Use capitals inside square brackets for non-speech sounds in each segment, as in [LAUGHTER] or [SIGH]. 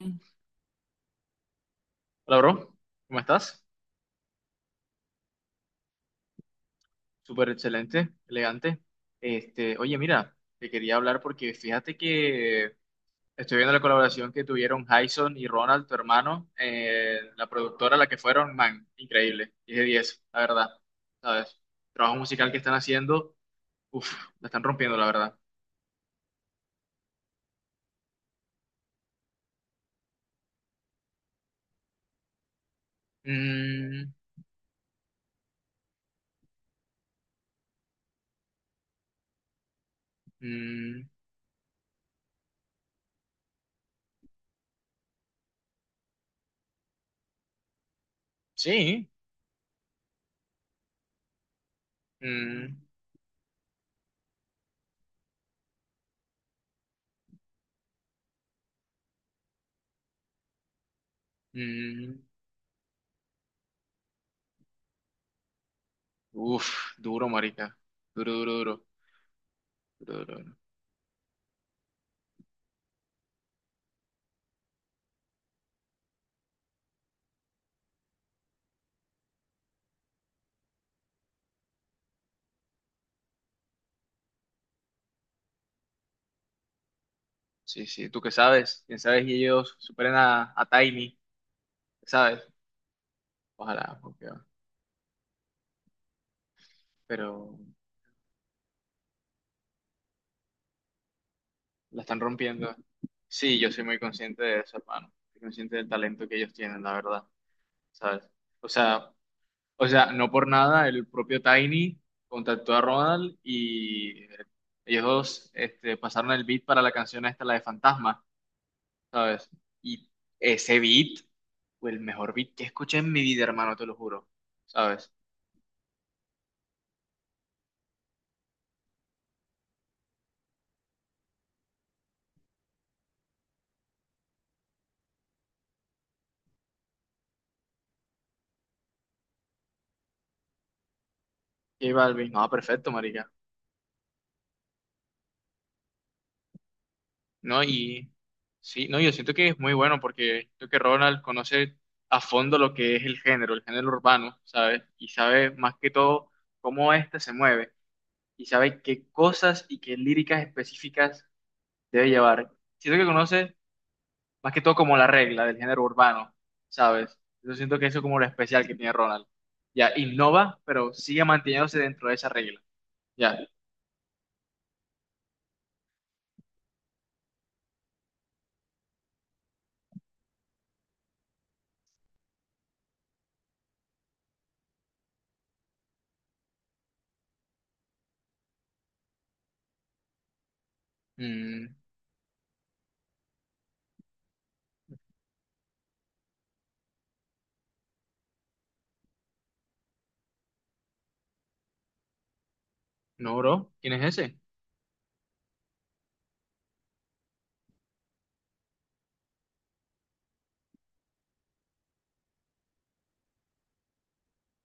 Hola, bro. ¿Cómo estás? Súper excelente, elegante. Oye, mira, te quería hablar porque fíjate que estoy viendo la colaboración que tuvieron Jason y Ronald, tu hermano, la productora a la que fueron, man, increíble. Diez de 10, la verdad, ¿sabes? Trabajo musical que están haciendo, uff, la están rompiendo, la verdad. Mm. Mm. Sí. Mm. Mm. Uff, duro, marica. Duro, duro, duro, duro, duro, duro. Sí, sí, tú qué sabes, quién sabe si ellos superen a Tiny, ¿sabes? Ojalá, porque, pero la están rompiendo. Sí, yo soy muy consciente de eso, hermano. Soy consciente del talento que ellos tienen, la verdad, ¿sabes? O sea, o sea, no por nada el propio Tiny contactó a Ronald y ellos dos pasaron el beat para la canción esta, la de Fantasma, ¿sabes? Y ese beat fue el mejor beat que escuché en mi vida, hermano, te lo juro, ¿sabes? J Balvin, no perfecto, marica. No, y sí, no, yo siento que es muy bueno porque creo que Ronald conoce a fondo lo que es el género urbano, ¿sabes? Y sabe más que todo cómo éste se mueve y sabe qué cosas y qué líricas específicas debe llevar. Siento que conoce más que todo como la regla del género urbano, ¿sabes? Yo siento que eso es como lo especial que tiene Ronald. Ya, innova, pero sigue manteniéndose dentro de esa regla. Ya. Mm, no, bro, ¿quién es ese?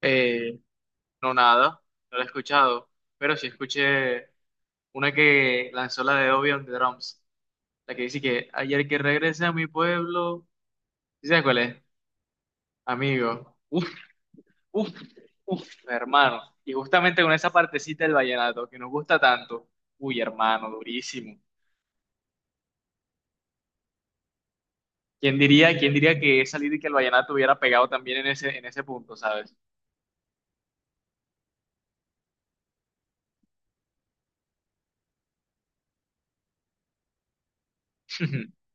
Eh, No, nada, no la he escuchado, pero sí escuché una que lanzó la de Obi on the Drums, la que dice que ayer que regresé a mi pueblo, ¿sí sabes cuál es? Amigo, uf, uf, uf, hermano, y justamente con esa partecita del vallenato que nos gusta tanto, uy, hermano, durísimo. Quién diría que esa lírica del vallenato hubiera pegado también en ese punto, ¿sabes? [LAUGHS]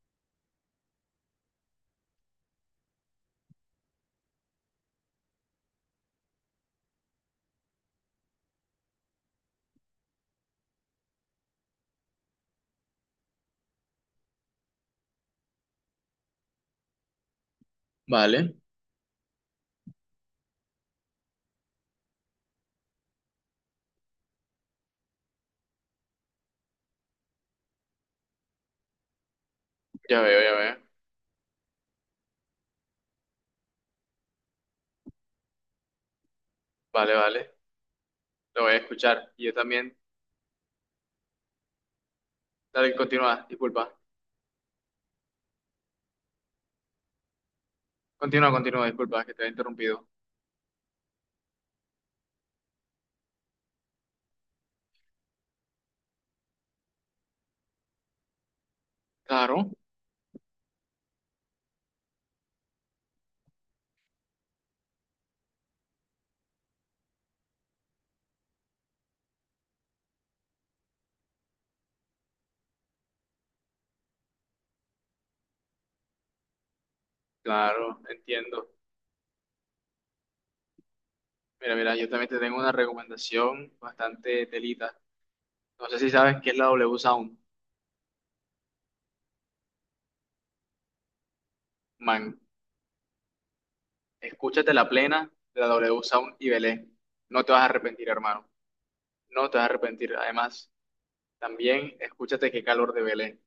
Vale, ya veo, vale, vale, lo voy a escuchar, y yo también, dale, continúa, disculpa. Continúa, continúa, disculpa que te he interrumpido. Claro, claro, entiendo. Mira, mira, yo también te tengo una recomendación bastante telita. No sé si sabes qué es la W Sound. Man, escúchate la plena de la W Sound y velé. No te vas a arrepentir, hermano. No te vas a arrepentir. Además, también escúchate qué calor de velé.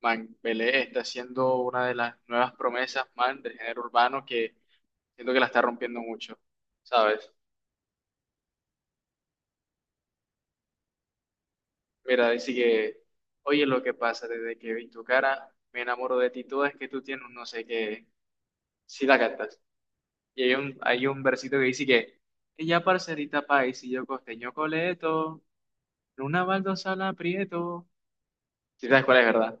Man, velé está siendo una de las nuevas promesas, man, del género urbano que siento que la está rompiendo mucho, ¿sabes? Mira, dice que, oye, lo que pasa desde que vi tu cara, me enamoro de ti toda, es que tú tienes un no sé qué, si la cantas. Y hay un versito que dice que ella parcerita país y yo costeño coleto, en una baldosa la aprieto. Si sabes cuál es, ¿verdad?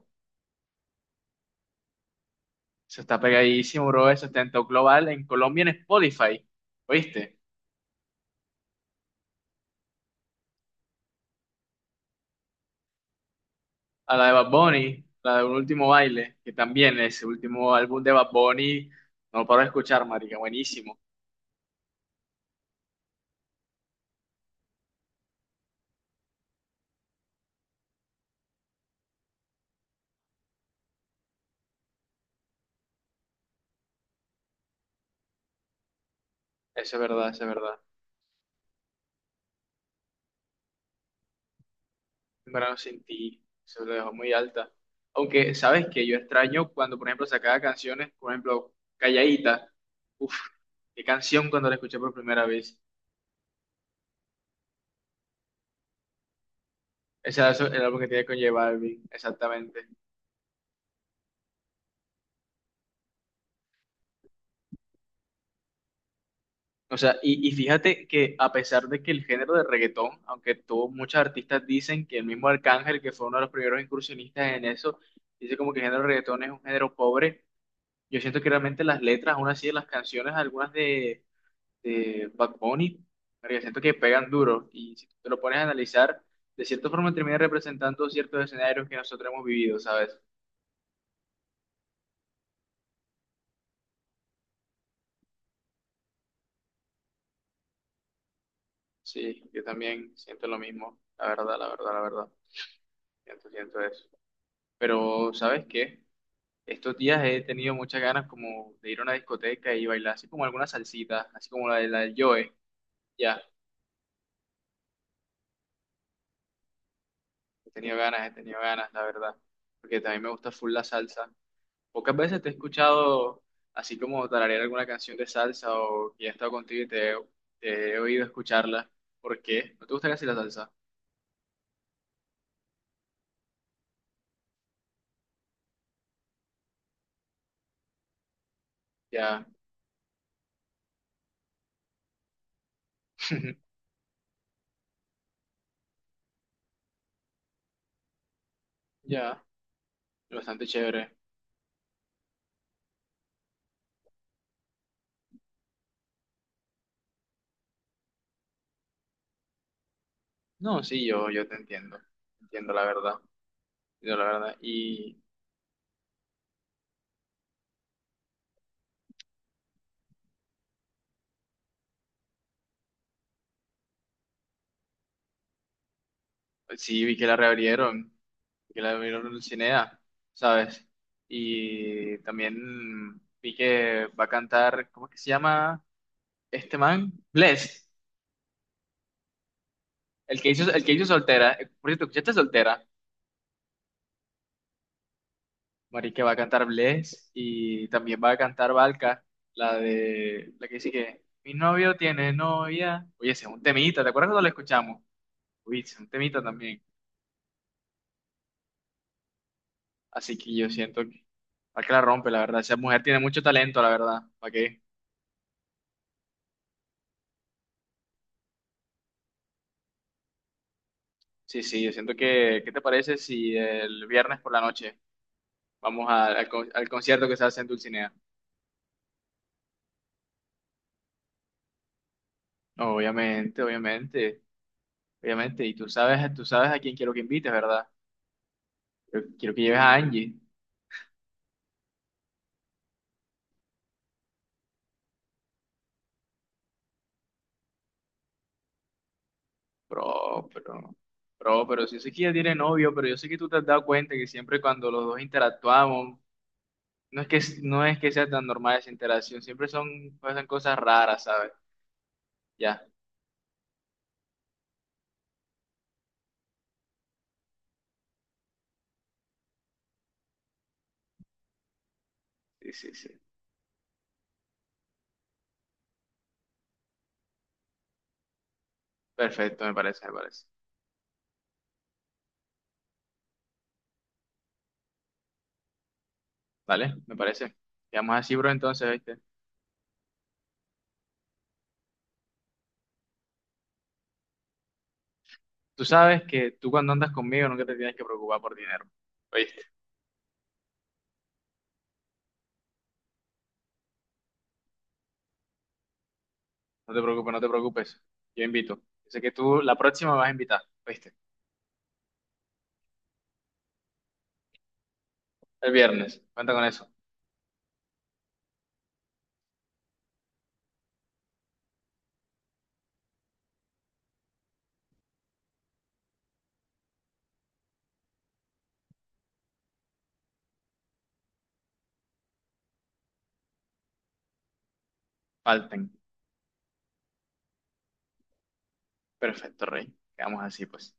Eso está pegadísimo, bro, eso está en top global, en Colombia en Spotify, ¿oíste? A la de Bad Bunny, la de Un Último Baile, que también ese último álbum de Bad Bunny, no lo paro de escuchar, marica, buenísimo. Eso es verdad, eso es verdad. En verdad no sentí, se lo dejó muy alta. Aunque, ¿sabes que yo extraño cuando, por ejemplo, sacaba canciones, por ejemplo, Calladita. Uf, qué canción cuando la escuché por primera vez. Ese era el álbum que tiene con J Balvin, exactamente. O sea, y fíjate que a pesar de que el género de reggaetón, aunque tuvo muchos artistas dicen que el mismo Arcángel, que fue uno de los primeros incursionistas en eso, dice como que el género de reggaetón es un género pobre, yo siento que realmente las letras, aún así, de las canciones, algunas de Bad Bunny, porque siento que pegan duro y si tú te lo pones a analizar, de cierta forma termina representando ciertos escenarios que nosotros hemos vivido, ¿sabes? Sí, yo también siento lo mismo, la verdad, la verdad, la verdad, siento, siento eso. Pero, ¿sabes qué? Estos días he tenido muchas ganas como de ir a una discoteca y bailar así como alguna salsita, así como la de la del Joe, ya, he tenido ganas, la verdad, porque también me gusta full la salsa. Pocas veces te he escuchado así como tararear alguna canción de salsa o que he estado contigo y te he oído escucharla. ¿Por qué? ¿No te gusta casi la salsa? Ya. [LAUGHS] Ya, bastante chévere. No, sí, yo te entiendo. Entiendo la verdad. Entiendo la verdad. Y sí, vi que la reabrieron, que la abrieron en Cinea, ¿sabes? Y también vi que va a cantar, ¿cómo es que se llama este man? Bless, el que hizo Soltera. Por cierto, ¿escuchaste Soltera? Marica va a cantar Bless y también va a cantar Valka, la de la que dice que mi novio tiene novia. Oye, ese es un temita, ¿te acuerdas cuando lo escuchamos? Uy, ese es un temita también. Así que yo siento que Valka la rompe, la verdad. Esa mujer tiene mucho talento, la verdad. ¿Para qué? Sí, sí, yo siento que, ¿qué te parece si el viernes por la noche vamos a- al, con- al concierto que se hace en Dulcinea? No, obviamente, obviamente, obviamente. Y tú sabes a quién quiero que invites, ¿verdad? Yo quiero que lleves a Angie. Bro, pero, bro, pero si yo sé que ella tiene novio, pero yo sé que tú te has dado cuenta que siempre cuando los dos interactuamos, no es que, no es que sea tan normal esa interacción, siempre son, pasan cosas raras, ¿sabes? Ya, sí, sí, sí. Perfecto, me parece, me parece. ¿Vale? Me parece. Quedamos así, bro, entonces, ¿viste? Tú sabes que tú cuando andas conmigo nunca te tienes que preocupar por dinero, ¿oíste? No te preocupes, no te preocupes. Yo invito. Sé que tú la próxima me vas a invitar, ¿oíste? El viernes. Cuenta con eso. Falten. Perfecto, rey. Quedamos así, pues.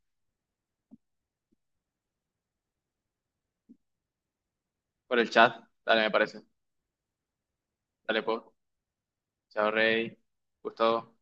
Por el chat, dale, me parece. Dale, pues. Chao, Rey. Gustavo.